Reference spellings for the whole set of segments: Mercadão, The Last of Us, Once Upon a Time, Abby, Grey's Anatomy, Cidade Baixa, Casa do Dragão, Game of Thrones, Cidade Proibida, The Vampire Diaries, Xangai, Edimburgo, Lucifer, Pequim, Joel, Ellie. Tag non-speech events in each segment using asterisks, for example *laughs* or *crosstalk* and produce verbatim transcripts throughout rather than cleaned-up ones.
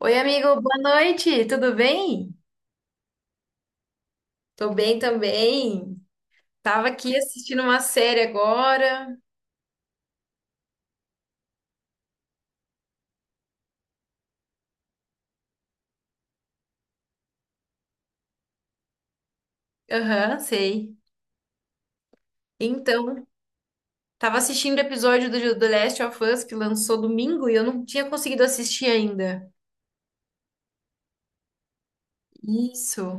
Oi, amigo, boa noite, tudo bem? Tô bem também. Tava aqui assistindo uma série agora. Aham, sei. Então, tava assistindo o episódio do The Last of Us que lançou domingo e eu não tinha conseguido assistir ainda. Isso.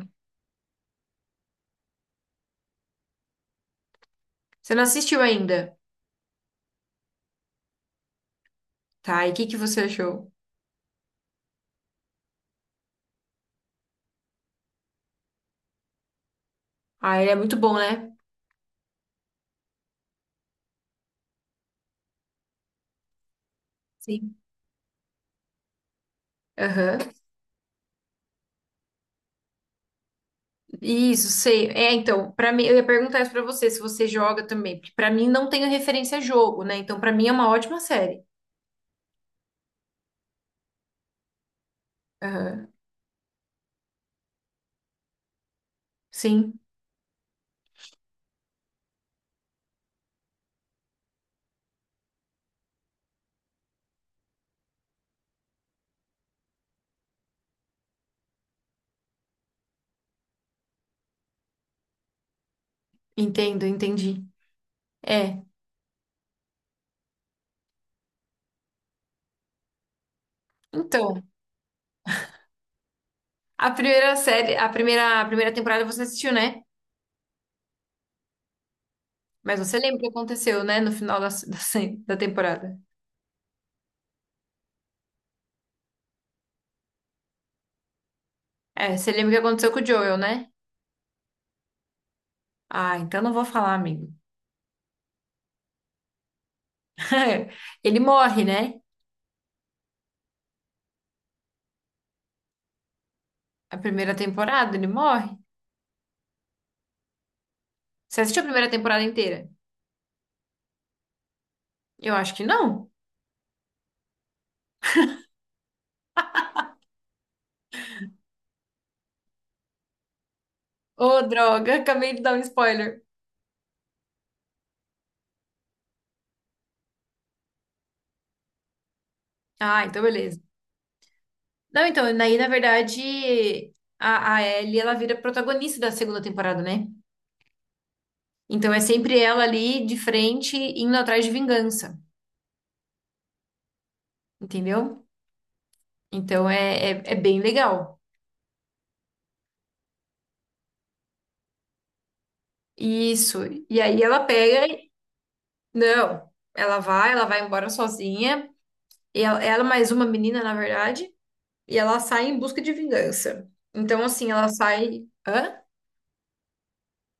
Você não assistiu ainda? Tá, e o que que você achou? Ah, ele é muito bom, né? Sim. Aham. Isso, sei. É, então, pra mim, eu ia perguntar isso pra você, se você joga também, porque pra mim não tenho referência a jogo, né? Então, pra mim é uma ótima série. Aham. Sim. Entendo, entendi. É. Então, a primeira série, a primeira, a primeira temporada você assistiu, né? Mas você lembra o que aconteceu, né? No final da, *laughs* da, sé- da temporada. É, você lembra o que aconteceu com o Joel, né? Ah, então não vou falar, amigo. *laughs* Ele morre, né? A primeira temporada, ele morre. Você assistiu a primeira temporada inteira? Eu acho que não. Ô, droga, *laughs* acabei de dar um spoiler. Ah, então beleza. Não, então, aí, na verdade, a, a Ellie, ela vira protagonista da segunda temporada, né? Então é sempre ela ali de frente indo atrás de vingança, entendeu? Então é, é, é bem legal. Isso. E aí ela pega. e- Não, ela vai, ela vai embora sozinha. E ela, ela mais uma menina, na verdade. E ela sai em busca de vingança. Então, assim, ela sai. Hã?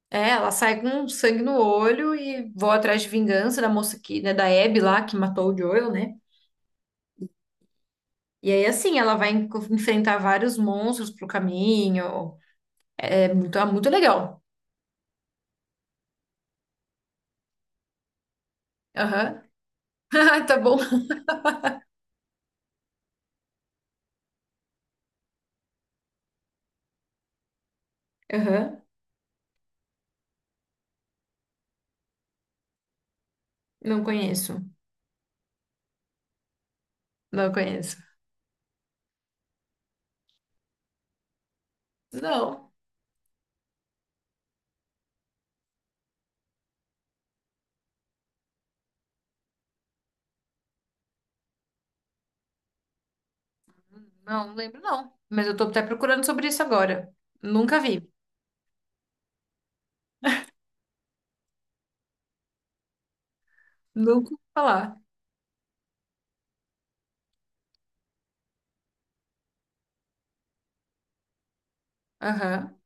É, ela sai com sangue no olho e voa atrás de vingança da moça que, né, da Abby lá, que matou o Joel, né? E aí, assim, ela vai en- enfrentar vários monstros pro caminho. É muito, é muito legal. Aham. *laughs* Ah, tá bom. Aham. Não conheço. Não conheço. Não. Não, não lembro não. Mas eu tô até procurando sobre isso agora. Nunca vi. Nunca ouvi falar. Aham.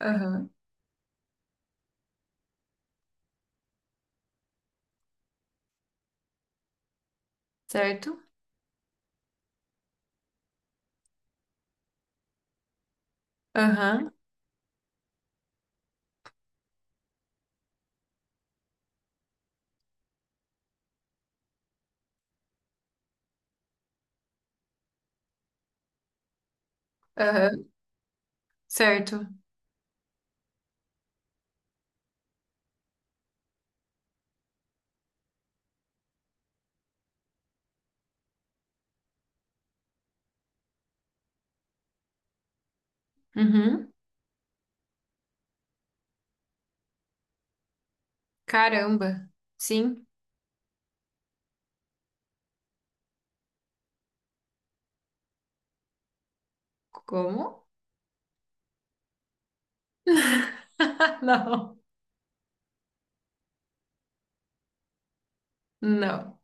Aham. Certo? Aham. Aham. Certo. Uhum. Caramba. Sim. Como? *laughs* Não. Não.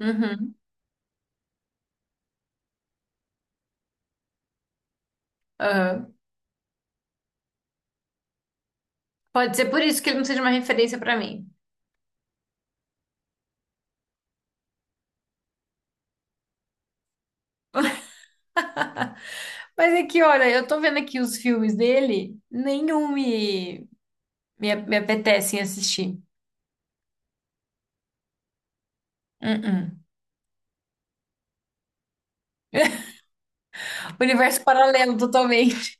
Uhum. Aham. Pode ser por isso que ele não seja uma referência pra mim. Mas é que, olha, eu tô vendo aqui os filmes dele, nenhum me Me, me apetecem assistir. Uh-uh. Universo paralelo, totalmente.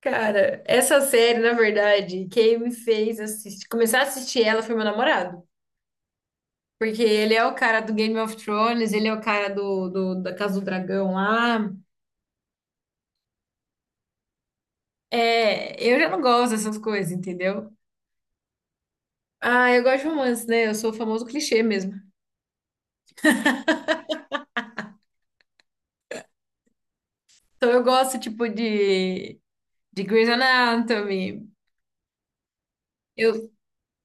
Cara, essa série, na verdade, quem me fez assistir, começar a assistir ela foi meu namorado. Porque ele é o cara do Game of Thrones, ele é o cara do, do- da Casa do Dragão lá. É, eu já não gosto dessas coisas, entendeu? Ah, eu gosto de romance, né? Eu sou o famoso clichê mesmo. Então eu gosto, tipo, de, de Grey's Anatomy.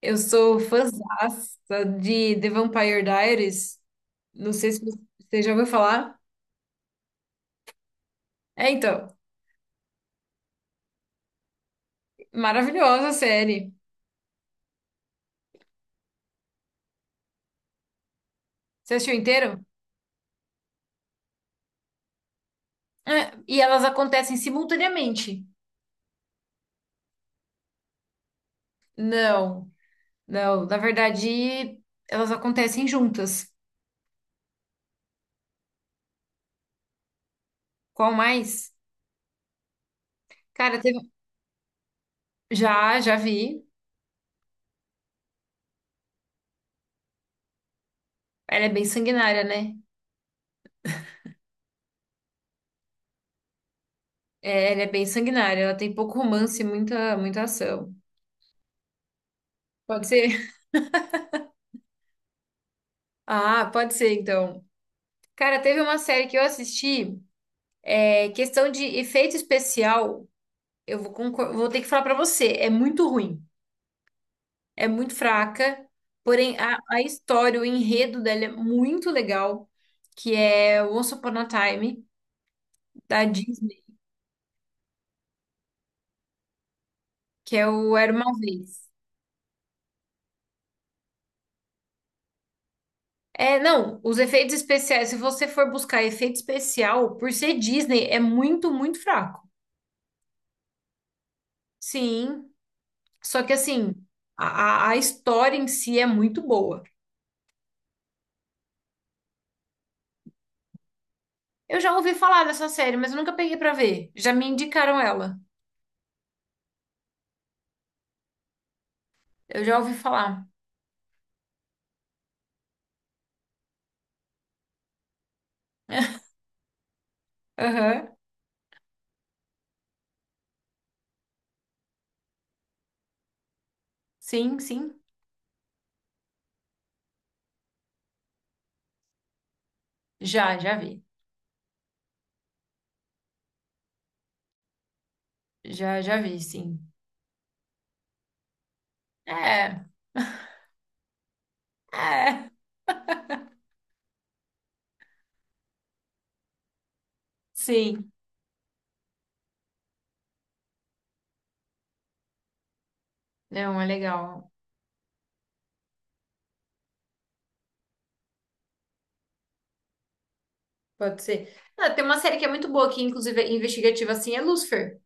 Eu sou fãzaça de The Vampire Diaries. Não sei se você já ouviu falar. É, então, maravilhosa a série. Você assistiu inteiro? É, e elas acontecem simultaneamente. Não, não. Na verdade, elas acontecem juntas. Qual mais? Cara, teve... Já, já vi. Ela é bem sanguinária, né? É, ela é bem sanguinária. Ela tem pouco romance e muita, muita ação. Pode ser? *laughs* Ah, pode ser, então. Cara, teve uma série que eu assisti. É questão de efeito especial, eu vou, concor- vou ter que falar pra você, é muito ruim, é muito fraca, porém a, a história, o enredo dela é muito legal, que é Once Upon a Time, da Disney, que é o Era Uma Vez. É, não, os efeitos especiais, se você for buscar efeito especial, por ser Disney, é muito, muito fraco. Sim, só que assim, a, a a história em si é muito boa. Eu já ouvi falar dessa série, mas eu nunca peguei pra ver. Já me indicaram ela. Eu já ouvi falar. *laughs* Aham. Sim, sim. Já, já vi. Já, já vi, sim. É, é. Sim. Não, é legal. Pode ser. Ah, tem uma série que é muito boa aqui, inclusive é investigativa, assim, é Lucifer.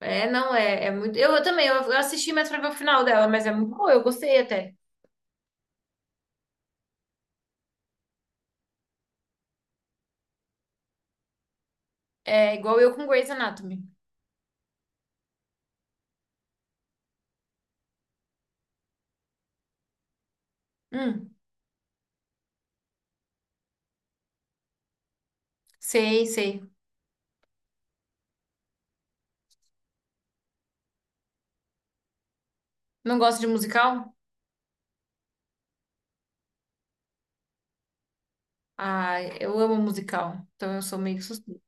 É, não, é, é muito. Eu, eu também, eu, eu assisti mais pra ver o final dela, mas é muito boa, eu gostei até. É igual eu com Grey's Anatomy. Hum, sei, sei. Não gosto de musical? Ah, eu amo musical. Então eu sou meio suspeita.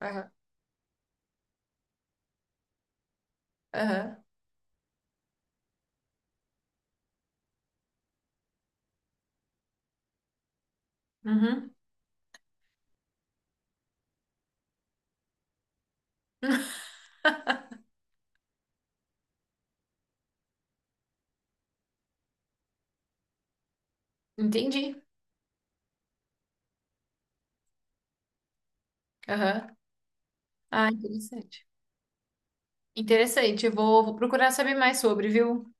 Aham, aham. Uhum. Entendi. Aham. Ah, interessante. Interessante. Eu vou, vou procurar saber mais sobre, viu?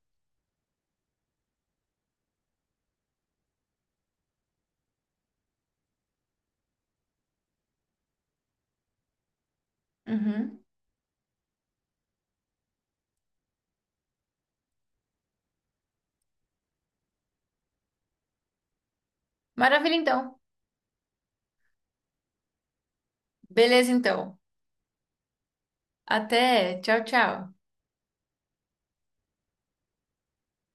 Uhum. Maravilha, então. Beleza, então. Até. Tchau, tchau.